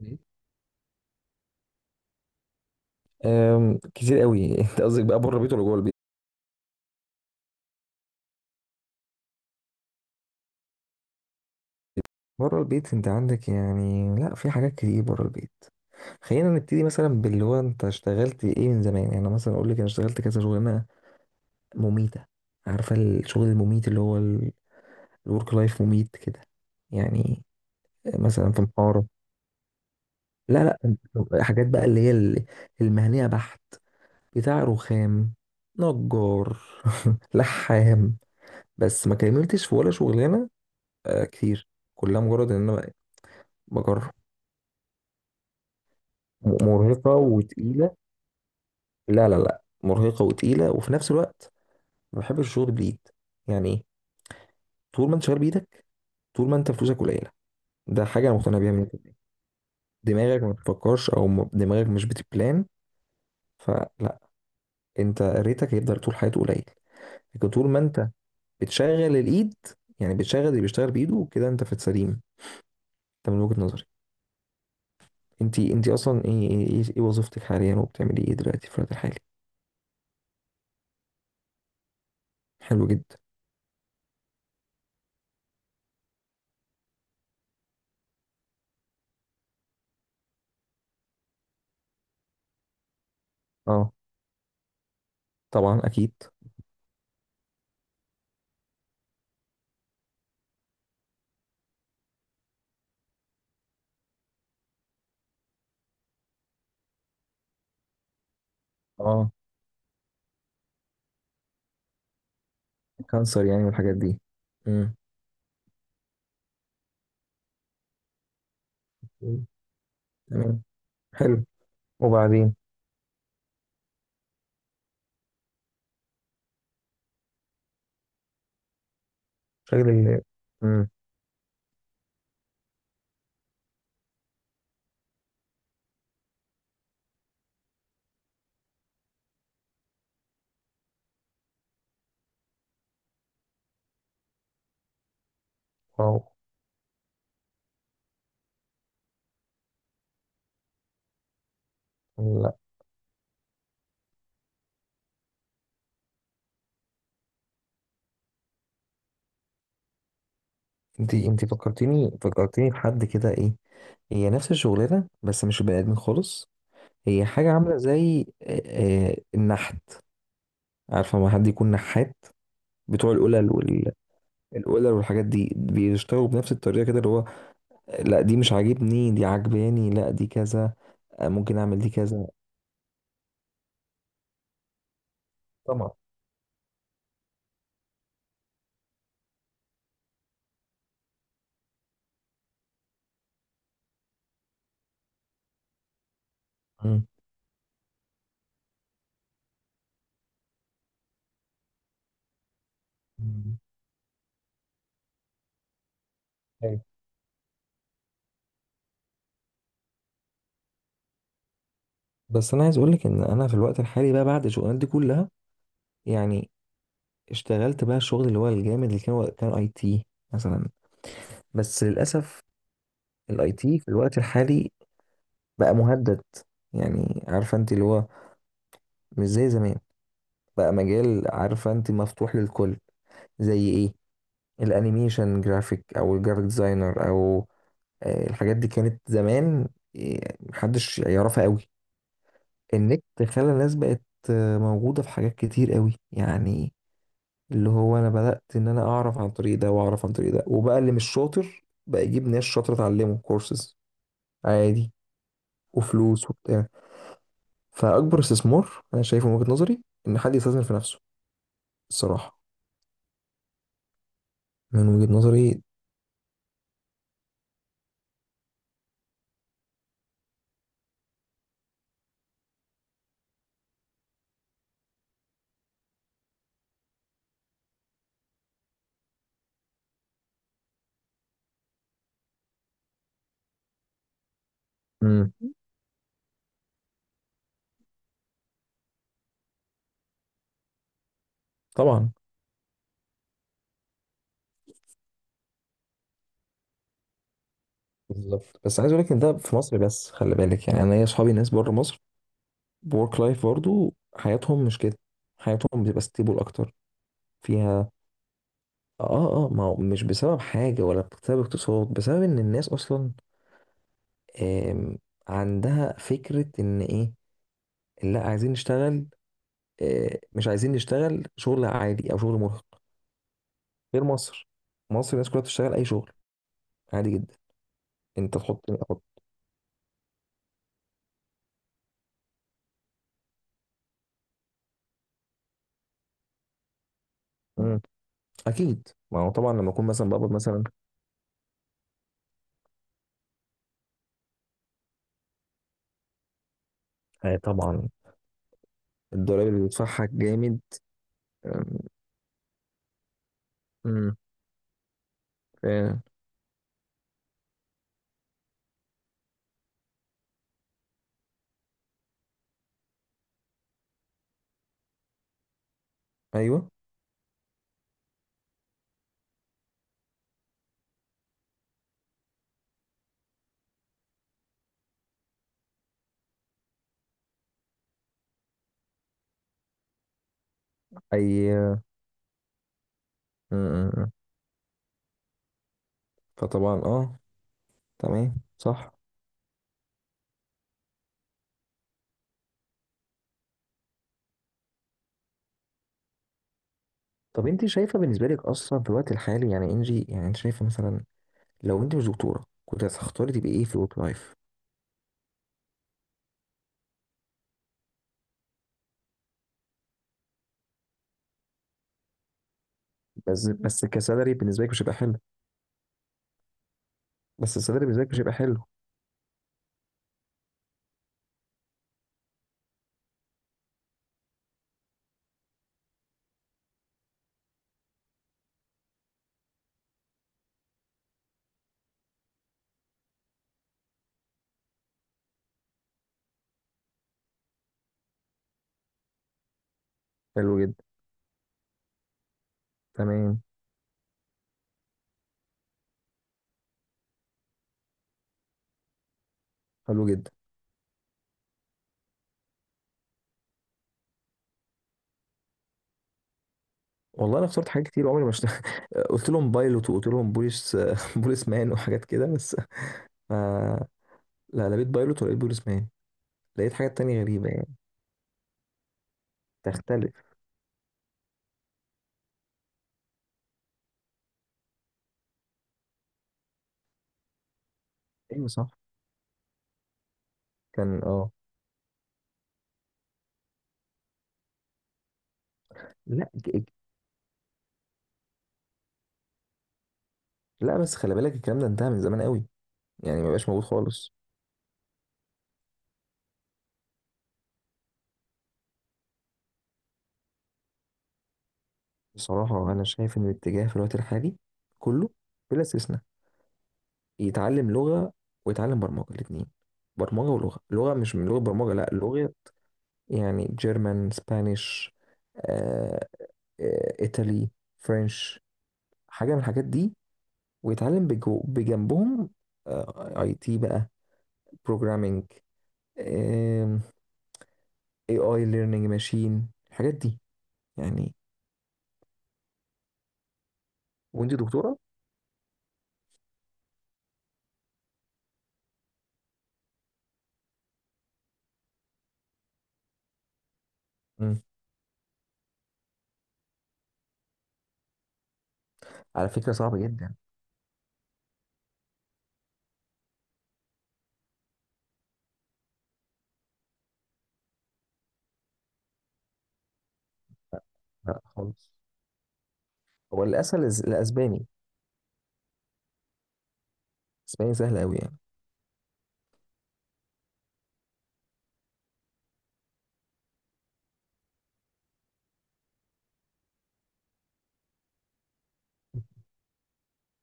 مم. كتير قوي. انت قصدك بقى بره البيت ولا جوه البيت؟ بره البيت انت عندك. يعني لا، في حاجات كتير بره البيت. خلينا نبتدي مثلا باللي هو، انت اشتغلت ايه من زمان؟ يعني انا مثلا اقول لك انا اشتغلت كذا شغلانه مميته. عارفه الشغل المميت، اللي هو الورك لايف مميت كده يعني؟ مثلا في محاره. لا، لا. حاجات بقى اللي هي المهنيه بحت. بتاع رخام، نجار، لحام. بس ما كملتش في ولا شغلانه. آه، كتير. كلها مجرد ان انا بجرب. مرهقة وتقيلة. لا، لا، لا، مرهقة وتقيلة، وفي نفس الوقت ما بحبش الشغل بالإيد. يعني إيه؟ طول ما أنت شغال بإيدك، طول ما أنت فلوسك قليلة. ده حاجة أنا مقتنع بيها. من دماغك ما بتفكرش، أو دماغك مش بتبلان. فلا، أنت ريتك هيفضل طول حياته قليل. لكن طول ما أنت بتشغل الإيد، يعني بتشغل اللي بيشتغل بإيده كده، أنت في السليم. ده من وجهة نظري. أنت أصلا إيه وظيفتك حاليا، وبتعملي إيه دلوقتي في الوقت الحالي؟ حلو جدا. أه، طبعا أكيد. اه، كانسر يعني والحاجات دي. امم، تمام، حلو. وبعدين؟ شغل. امم. واو. لا. انت فكرتيني بحد كده. ايه؟ هي نفس الشغلانه بس مش بني ادمين خالص. هي حاجه عامله زي النحت. عارفه، ما حد يكون نحات بتوع القلل والحاجات دي، بيشتغلوا بنفس الطريقه كده، اللي هو لا دي مش عاجبني، دي عاجباني، لا دي كذا، ممكن اعمل دي كذا. طبعا. امم. بس انا عايز اقولك ان انا في الوقت الحالي بقى، بعد الشغلانات دي كلها، يعني اشتغلت بقى الشغل اللي هو الجامد، اللي كان اي تي مثلا. بس للاسف الاي تي في الوقت الحالي بقى مهدد. يعني عارفه انت، اللي هو مش زي زمان. بقى مجال عارفه انت مفتوح للكل. زي ايه؟ الانيميشن جرافيك، او الجرافيك ديزاينر، او الحاجات دي كانت زمان محدش يعرفها قوي. النت خلى الناس بقت موجودة في حاجات كتير قوي يعني. اللي هو انا بدأت ان انا اعرف عن طريق ده، واعرف عن طريق ده. وبقى اللي مش شاطر بقى يجيب ناس شاطرة تعلمه كورسز، عادي، وفلوس وبتاع. فأكبر استثمار أنا شايفه من وجهة نظري إن حد يستثمر في نفسه، الصراحة. من وجهة نظري. امم. طبعا. بالظبط، بس عايز أقول لك إن ده في مصر بس، خلي بالك. يعني أنا ليا أصحابي ناس بره مصر، بورك لايف برضو حياتهم مش كده. حياتهم بتبقى ستيبل أكتر، فيها. آه، آه، ما هو مش بسبب حاجة ولا بسبب اقتصاد، بسبب إن الناس أصلا آم، عندها فكرة إن إيه، لا، عايزين نشتغل، مش عايزين نشتغل شغل عادي أو شغل مرهق. غير مصر، مصر الناس كلها بتشتغل أي شغل، عادي جدا. أنت تحط أحط. مم. أكيد، ما هو طبعا لما أكون مثلا بقبض مثلا. آه، طبعا. الضرايب اللي بتدفعها جامد. آم، مم، آه، أيوه. أي، آه. مم، مم، مم. فطبعا، أه. تمام، صح. طب أنت شايفة بالنسبة لك أصلا في الوقت الحالي، يعني إنجي، يعني أنت شايفة مثلا، لو انت مش دكتوره كنت هتختاري تبقي ايه في الورك لايف؟ بس كسالري بالنسبه لك مش هيبقى حلو. بس السالري بالنسبه لك مش هيبقى حلو. حلو جدا. تمام. حلو جدا. والله انا اخترت حاجات كتير، عمري ما اشت... قلت لهم بايلوت، وقلت لهم بوليس، بوليس مان وحاجات كده بس. ما... لا، لا، لقيت بايلوت ولقيت بوليس مان. لقيت حاجات تانية غريبة يعني. تختلف. ايوه، صح. كان، اه. لا ج- لا، بس خلي بالك، الكلام ده انتهى من زمان قوي. يعني ما بقاش موجود خالص. بصراحة انا شايف ان الاتجاه في الوقت الحالي كله، بلا استثناء، يتعلم لغة ويتعلم برمجة الاتنين. برمجة ولغة. لغة، مش من لغة برمجة، لا لغة. يعني جيرمان، سبانيش، آه، آه، ايطالي، فرنش، حاجة من الحاجات دي. ويتعلم بجو بجنبهم اي تي بقى، بروجرامينج، اي اي ليرنينج ماشين، الحاجات دي يعني. وانت دكتورة؟ مم. على فكرة صعبة جدا. لا، لا خالص. هو الاسهل الاسباني. الاسباني سهل قوي يعني.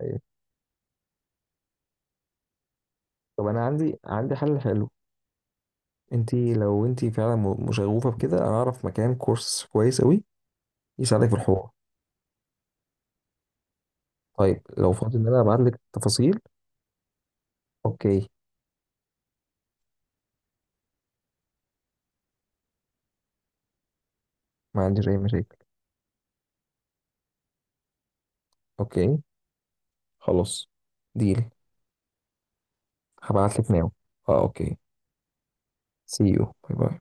طيب. طب انا عندي حل حلو. لو انت فعلا مشغوفه بكده، انا اعرف مكان كورس كويس قوي، يساعدك في الحوار. طيب لو فاضي، ان انا ابعت لك التفاصيل. اوكي. ما عنديش اي مشاكل. اوكي. خلاص. ديل. هبعت لك ناو. اه، اوكي. سي يو، باي باي.